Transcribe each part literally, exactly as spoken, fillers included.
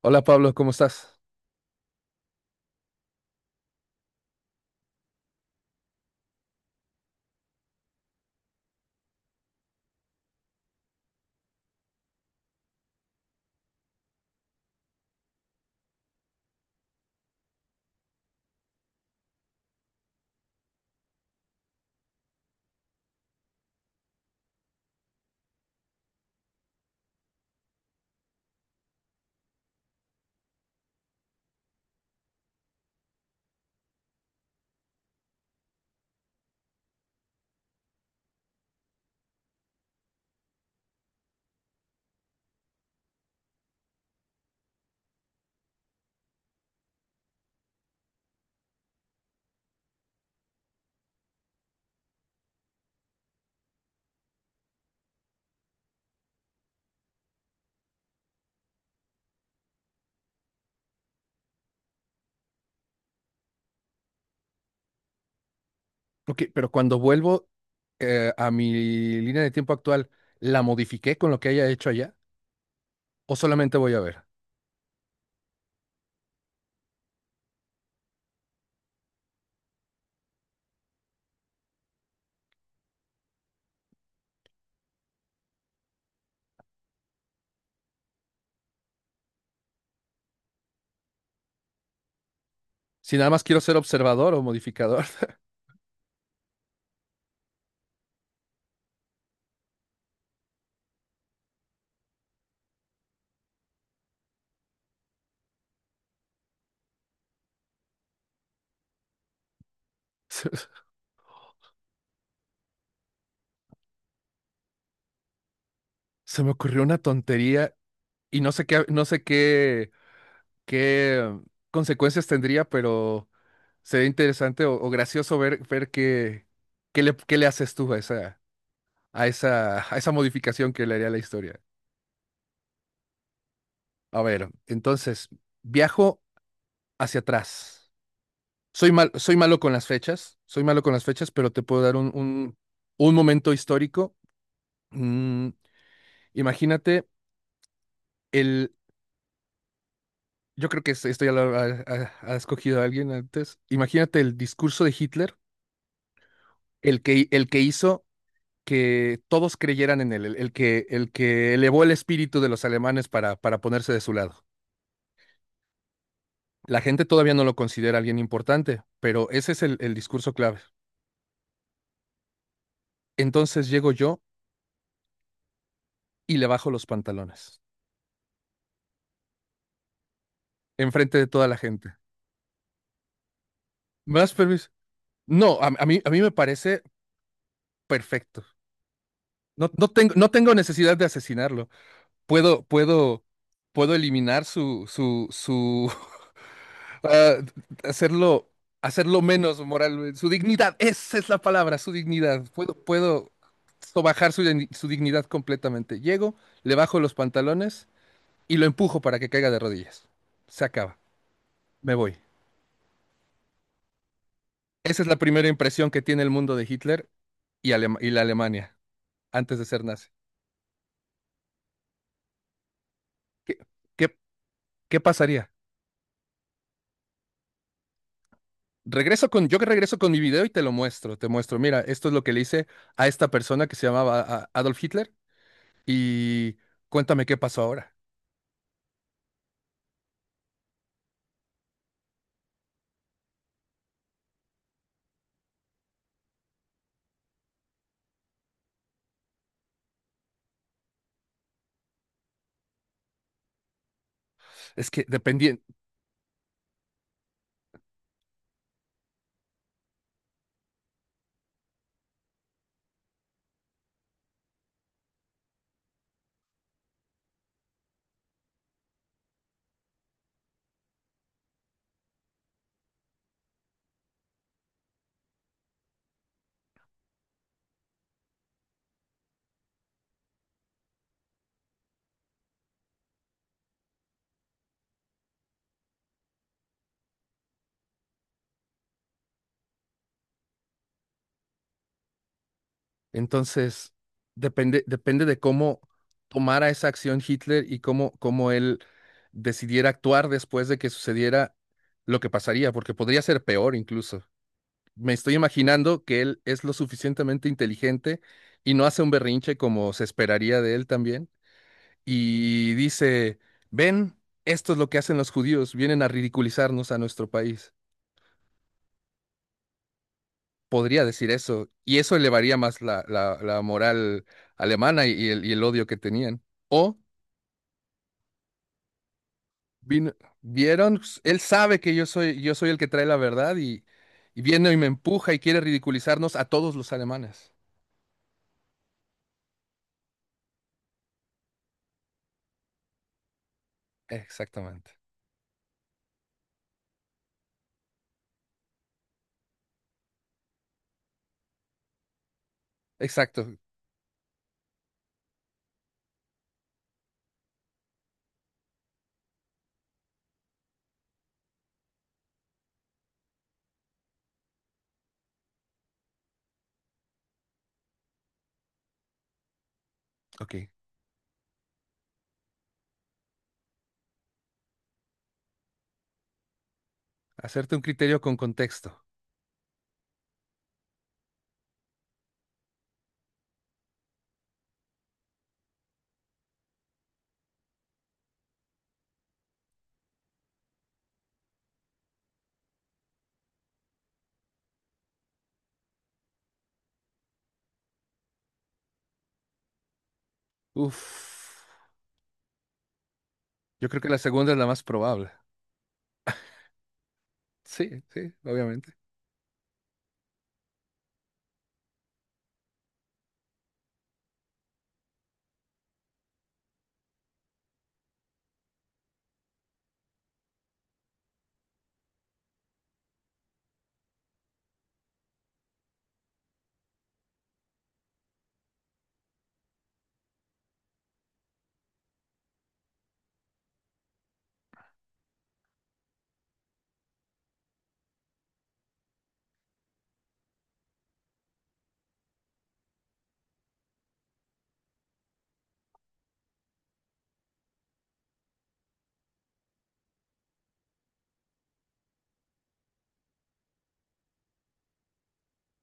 Hola Pablo, ¿cómo estás? Ok, pero cuando vuelvo eh, a mi línea de tiempo actual, ¿la modifiqué con lo que haya hecho allá? ¿O solamente voy a ver? Si nada más quiero ser observador o modificador, se, se me ocurrió una tontería y no sé qué, no sé qué, qué consecuencias tendría, pero sería interesante o, o gracioso ver, ver qué, qué le, qué le haces tú a esa, a esa, a esa modificación que le haría a la historia. A ver, entonces, viajo hacia atrás. Soy mal, soy malo con las fechas, soy malo con las fechas, pero te puedo dar un, un, un momento histórico. Mm, Imagínate el, yo creo que es- esto ya lo ha, ha- ha escogido alguien antes. Imagínate el discurso de Hitler, el que, el que hizo que todos creyeran en él, el, el que, el que elevó el espíritu de los alemanes para, para ponerse de su lado. La gente todavía no lo considera alguien importante, pero ese es el, el discurso clave. Entonces llego yo y le bajo los pantalones, enfrente de toda la gente. Más permiso. No, a, a mí, a mí me parece perfecto. No, no tengo, no tengo necesidad de asesinarlo. Puedo, puedo, puedo eliminar su, su, su, ah, hacerlo, hacerlo menos moral, su dignidad. Esa es la palabra, su dignidad. Puedo, puedo sobajar su, digni- su dignidad completamente. Llego, le bajo los pantalones y lo empujo para que caiga de rodillas. Se acaba. Me voy. Esa es la primera impresión que tiene el mundo de Hitler y, Alema- y la Alemania antes de ser nazi. ¿Qué, qué, qué pasaría? Regreso con, yo que regreso con mi video y te lo muestro, te muestro. Mira, esto es lo que le hice a esta persona que se llamaba a- Adolf Hitler y cuéntame qué pasó ahora. Es que dependía, entonces, depende, depende de cómo tomara esa acción Hitler y cómo, cómo él decidiera actuar después de que sucediera lo que pasaría, porque podría ser peor incluso. Me estoy imaginando que él es lo suficientemente inteligente y no hace un berrinche como se esperaría de él también y dice, ven, esto es lo que hacen los judíos, vienen a ridiculizarnos a nuestro país. Podría decir eso, y eso elevaría más la, la, la moral alemana y el, y el odio que tenían. O vino- vieron, pues, él sabe que yo soy, yo soy el que trae la verdad y, y viene y me empuja y quiere ridiculizarnos a todos los alemanes. Exactamente. Exacto. Ok. Hacerte un criterio con contexto. Uf. Yo creo que la segunda es la más probable. Sí, sí, obviamente.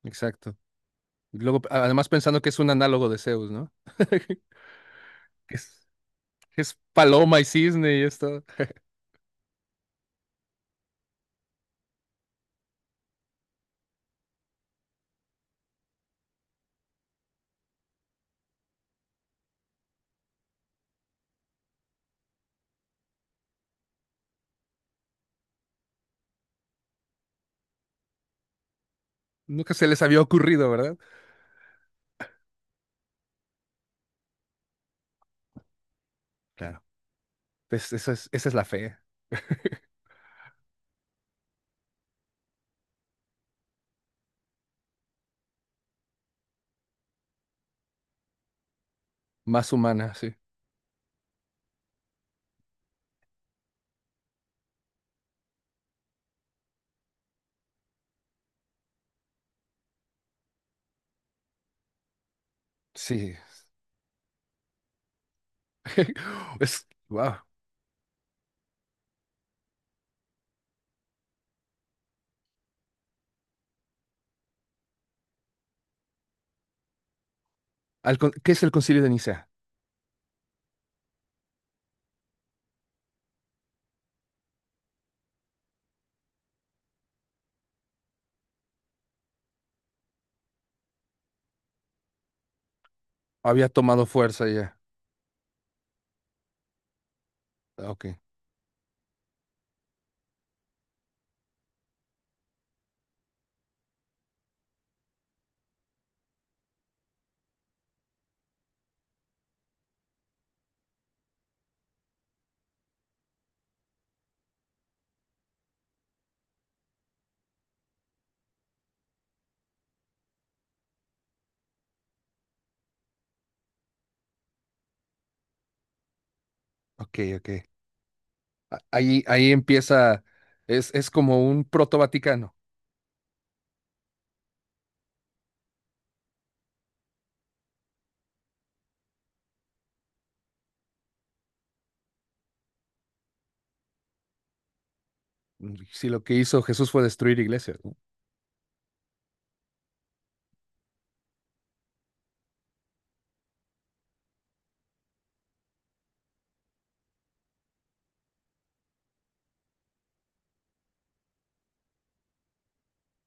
Exacto. Y luego, a- además pensando que es un análogo de Zeus, ¿no? Que es, que es paloma y cisne y esto. Nunca se les había ocurrido, ¿verdad? Claro. Pues esa es, esa es la fe más humana, sí. Sí. Es, wow. Al con- ¿Qué es el Concilio de Nicea? Había tomado fuerza ya. Ah, Ok, ok, ok. A- Ahí, ahí empieza, es, es como un proto-Vaticano. Mm, Si lo que hizo Jesús fue destruir iglesias, ¿no?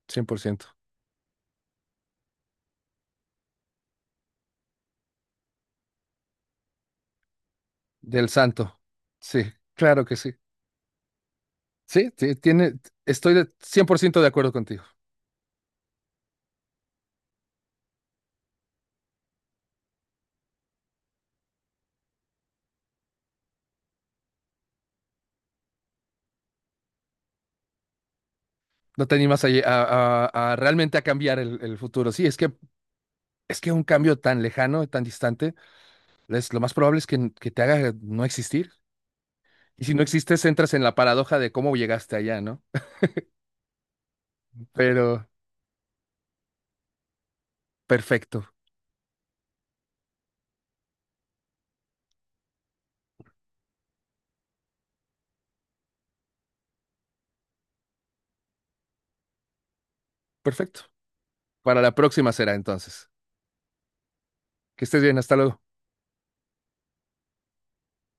Cien por ciento. Del santo. Sí, claro que sí. Sí, sí, tiene, estoy de cien por ciento de acuerdo contigo. No te animas a, lle- a- a- a realmente a cambiar el, el futuro. Sí, es que, es que un cambio tan lejano, tan distante, es, lo más probable es que, que te haga no existir. Y si no existes, entras en la paradoja de cómo llegaste allá, ¿no? Pero perfecto, perfecto. Para la próxima será entonces. Que estés bien, hasta luego.